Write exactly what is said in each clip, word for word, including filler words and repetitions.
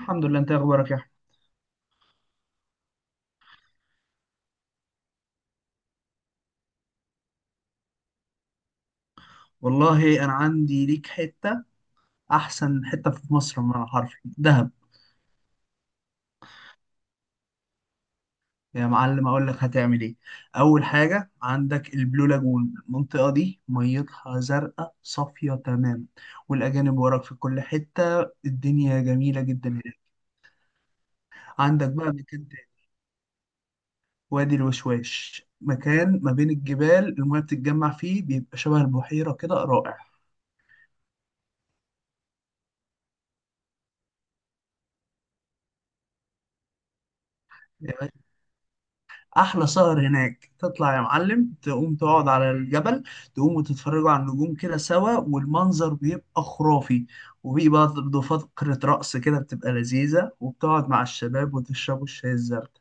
الحمد لله. انت إيه اخبارك يا احمد؟ والله انا عندي ليك حته، احسن حته في مصر بمعنى حرفي، دهب. يا معلم اقول لك هتعمل ايه. اول حاجه عندك البلو لاجون، المنطقه دي ميتها زرقاء صافيه تمام، والاجانب وراك في كل حته، الدنيا جميله جدا هناك. عندك بقى مكان تاني، وادي الوشواش، مكان ما بين الجبال، المياه بتتجمع فيه بيبقى شبه البحيره كده، رائع. احلى سهر هناك، تطلع يا معلم تقوم تقعد على الجبل، تقوم وتتفرجوا على النجوم كده سوا والمنظر بيبقى خرافي، وبيبقى برضه فقرة رقص كده بتبقى لذيذة، وبتقعد مع الشباب وتشربوا الشاي الزردة.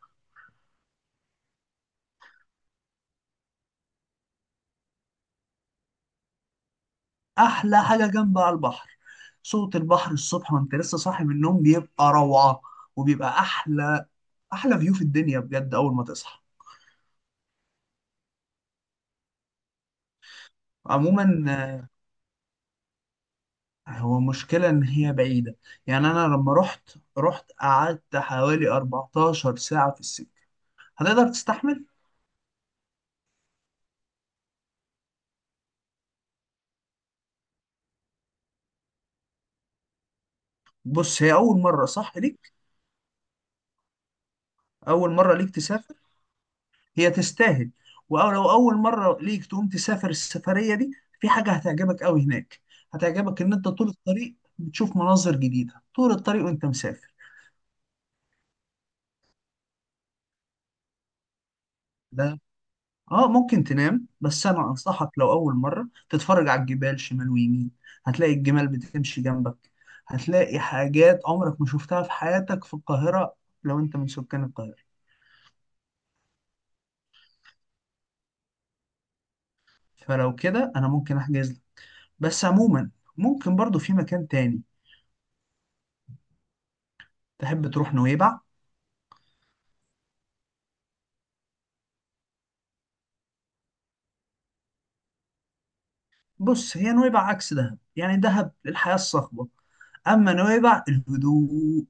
احلى حاجة جنب على البحر، صوت البحر الصبح وانت لسه صاحي من النوم بيبقى روعة، وبيبقى احلى احلى فيو في الدنيا بجد اول ما تصحى. عموما هو مشكلة إن هي بعيدة، يعني أنا لما رحت رحت قعدت حوالي أربعتاشر ساعة في السكة. هتقدر تستحمل؟ بص هي أول مرة صح ليك، أول مرة ليك تسافر، هي تستاهل، ولو أول مرة ليك تقوم تسافر السفرية دي، في حاجة هتعجبك أوي هناك. هتعجبك إن أنت طول الطريق بتشوف مناظر جديدة طول الطريق وأنت مسافر. ده اه ممكن تنام، بس انا انصحك لو اول مره تتفرج على الجبال شمال ويمين، هتلاقي الجمال بتمشي جنبك، هتلاقي حاجات عمرك ما شفتها في حياتك في القاهره، لو انت من سكان القاهره. فلو كده انا ممكن احجز لك. بس عموما ممكن برضو في مكان تاني، تحب تروح نويبع؟ بص هي نويبع عكس دهب، يعني دهب الحياه الصخبه، اما نويبع الهدوء.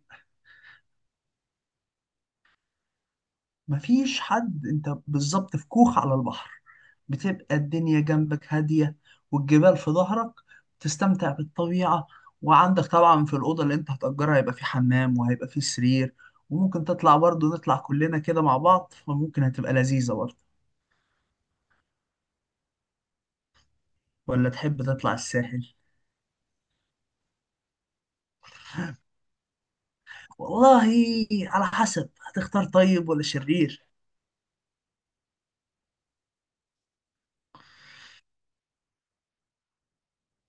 مفيش حد، انت بالظبط في كوخ على البحر، بتبقى الدنيا جنبك هادية والجبال في ظهرك، تستمتع بالطبيعة. وعندك طبعا في الأوضة اللي انت هتأجرها هيبقى في حمام وهيبقى في سرير، وممكن تطلع برضه، نطلع كلنا كده مع بعض، فممكن هتبقى لذيذة برضه. ولا تحب تطلع الساحل؟ والله على حسب، هتختار طيب ولا شرير؟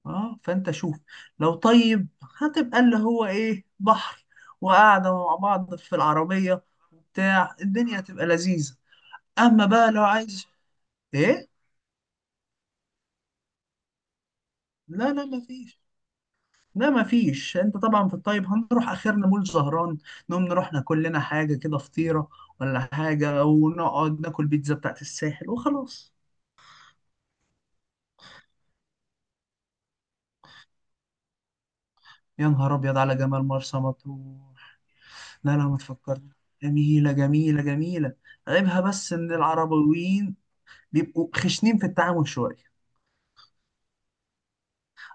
اه فانت شوف، لو طيب هتبقى اللي هو ايه، بحر وقعدة مع بعض في العربية وبتاع، الدنيا هتبقى لذيذة. اما بقى لو عايز ايه، لا لا مفيش. لا مفيش، انت طبعا في الطيب هنروح اخرنا مول زهران، نقوم نروح ناكل لنا حاجة كده، فطيرة ولا حاجة، ونقعد ناكل بيتزا بتاعت الساحل وخلاص. يا نهار ابيض على جمال مرسى مطروح! لا لا ما تفكرني، جميلة جميلة جميلة. عيبها بس ان العربيين بيبقوا خشنين في التعامل شويه.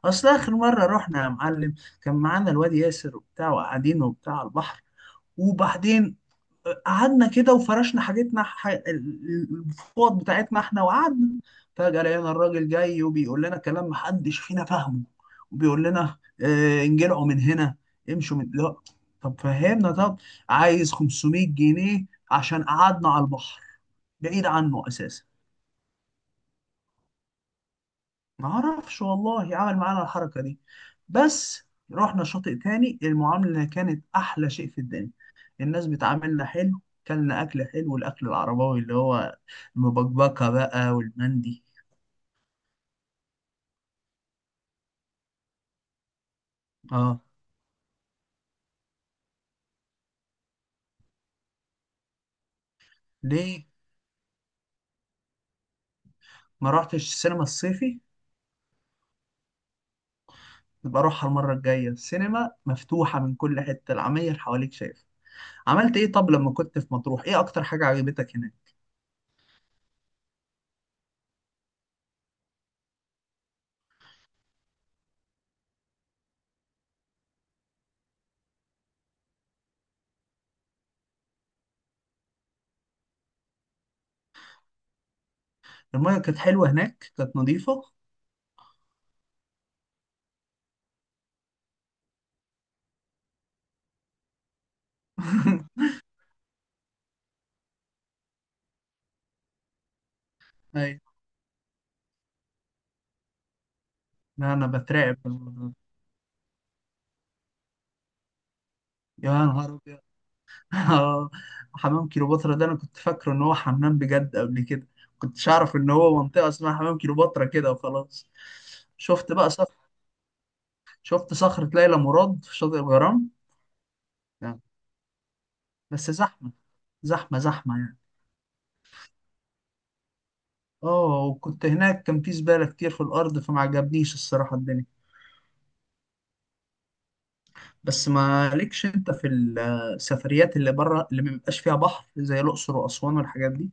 اصل اخر مره رحنا يا معلم كان معانا الواد ياسر وبتاع، وقاعدين وبتاع على البحر، وبعدين قعدنا كده وفرشنا حاجتنا ح... الفوط بتاعتنا احنا وقعدنا، فجاه لقينا الراجل جاي وبيقول لنا كلام محدش فينا فاهمه، وبيقول لنا اه انجلعوا من هنا، امشوا من لا. طب فهمنا، طب، عايز خمسمية جنيه عشان قعدنا على البحر، بعيد عنه اساسا. ما اعرفش والله عمل معانا الحركه دي. بس رحنا شاطئ تاني المعامله كانت احلى شيء في الدنيا، الناس بتعاملنا حلو، كلنا اكل حلو، الاكل العرباوي اللي هو المبكبكه بقى والمندي. اه. ليه ما رحتش السينما الصيفي؟ يبقى اروحها المره الجايه، السينما مفتوحه، من كل حته العماير حواليك، شايف. عملت ايه طب لما كنت في مطروح؟ ايه اكتر حاجه عجبتك هناك؟ الميه كانت حلوه هناك، كانت نظيفه. ايوه. لا، انا بترعب من الموضوع ده. يا نهار ابيض. اه، حمام كيلوباترا ده انا كنت فاكره ان هو حمام بجد قبل كده، كنتش اعرف ان هو منطقه اسمها حمام كيلوباترا كده وخلاص. شفت بقى صخر، شفت صخره ليلى مراد في شاطئ الغرام؟ يعني، بس زحمه، زحمه زحمه يعني. اه وكنت هناك كان في زباله كتير في الارض، فما عجبنيش الصراحه الدنيا. بس ما ليكش انت في السفريات اللي بره اللي ما بيبقاش فيها بحر، زي الاقصر واسوان والحاجات دي؟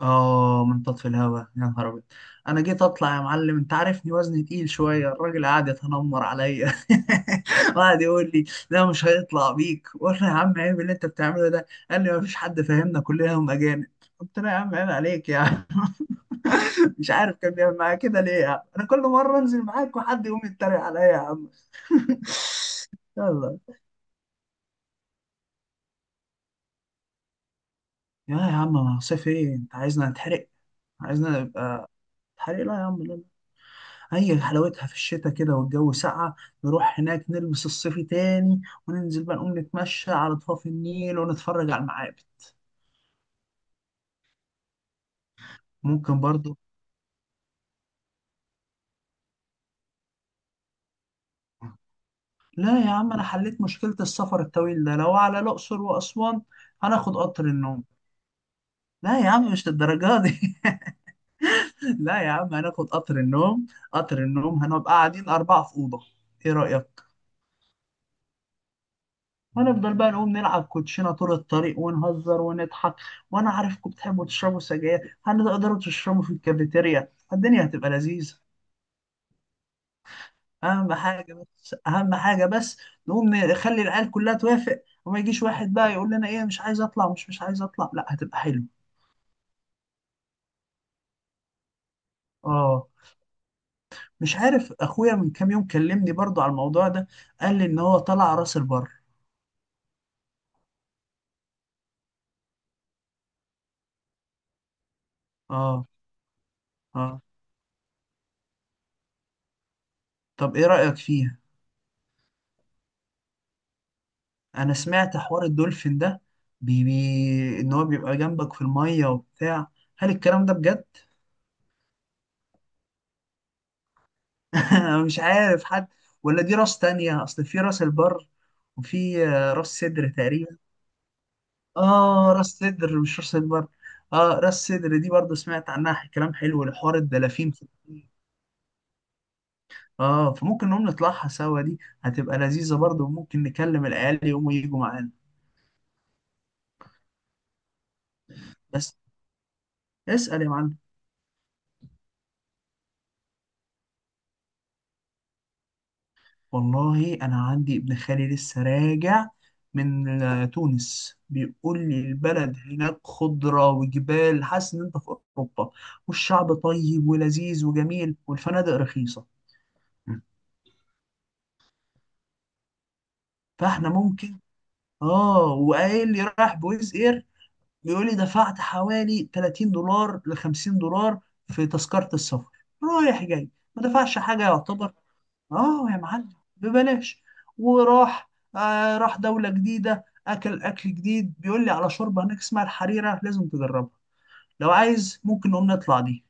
اه منطاد في الهوا، يا نهار ابيض. انا جيت اطلع يا معلم، انت عارفني وزني تقيل شويه، الراجل قعد يتنمر عليا وقعد يقول لي لا مش هيطلع بيك. قلنا يا عم عيب اللي انت بتعمله ده، قال لي ما فيش حد فاهمنا كلنا، هم اجانب. قلت له يا عم عيب عليك يا عم. مش عارف كان بيعمل معايا كده ليه، يا عم انا كل مره انزل معاك وحد يقوم يتريق عليا يا عم. يلا. يا يا عم، ما صيف ايه، انت عايزنا نتحرق؟ عايزنا نبقى نتحرق؟ لا يا عم، هي حلاوتها في الشتاء كده والجو ساقعة، نروح هناك نلبس الصيفي تاني، وننزل بقى نقوم نتمشى على ضفاف النيل ونتفرج على المعابد. ممكن برضو. لا يا عم أنا حليت مشكلة السفر الطويل ده لو على الأقصر وأسوان، هناخد قطر النوم. لا يا عم مش للدرجة دي. لا يا عم هناخد قطر النوم، قطر النوم هنبقى قاعدين أربعة في أوضة، إيه رأيك؟ هنفضل بقى نقوم نلعب كوتشينة طول الطريق ونهزر ونضحك، وانا عارفكم بتحبوا تشربوا سجاير، هتقدروا تشربوا في الكافيتيريا، الدنيا هتبقى لذيذة. اهم حاجة بس، اهم حاجة بس، نقوم نخلي العيال كلها توافق، وما يجيش واحد بقى يقول لنا ايه مش عايز اطلع، مش مش عايز اطلع، لا هتبقى حلو. اه مش عارف اخويا من كام يوم كلمني برضو على الموضوع ده، قال لي ان هو طلع راس البر. اه. اه طب ايه رأيك فيها؟ انا سمعت حوار الدولفين ده، بي بي ان هو بيبقى جنبك في الميه وبتاع، هل الكلام ده بجد؟ انا مش عارف حد. ولا دي راس تانية، اصل في راس البر وفي آه، راس صدر تقريبا. اه راس صدر مش راس البر. اه راس صدر دي برضه سمعت عنها ح- كلام حلو لحوار الدلافين في النيل. اه فممكن نقوم نطلعها سوا، دي هتبقى لذيذة برضه، وممكن نكلم العيال يقوموا يجوا معانا. بس اسأل يا معلم. والله انا عندي ابن خالي لسه راجع من آه، تونس، بيقول لي البلد هناك خضرة وجبال، حاسس ان انت في اوروبا، والشعب طيب ولذيذ وجميل، والفنادق رخيصة. مم. فاحنا ممكن. اه وقايل لي رايح بويز اير، بيقول لي دفعت حوالي تلاتين دولار ل خمسين دولار في تذكرة السفر رايح جاي. ما دفعش حاجة يعتبر. اه يا معلم ببلاش. وراح، آه راح دولة جديدة، اكل اكل جديد، بيقول لي على شوربة هناك اسمها الحريرة لازم تجربها. لو عايز ممكن نقوم نطلع دي.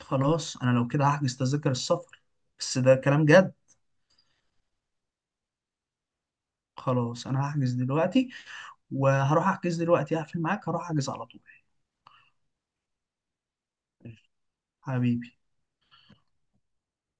خلاص انا لو كده هحجز تذاكر السفر، بس ده كلام جد. خلاص انا هحجز دلوقتي، وهروح احجز دلوقتي، هقفل معاك هروح احجز على طول. حبيبي.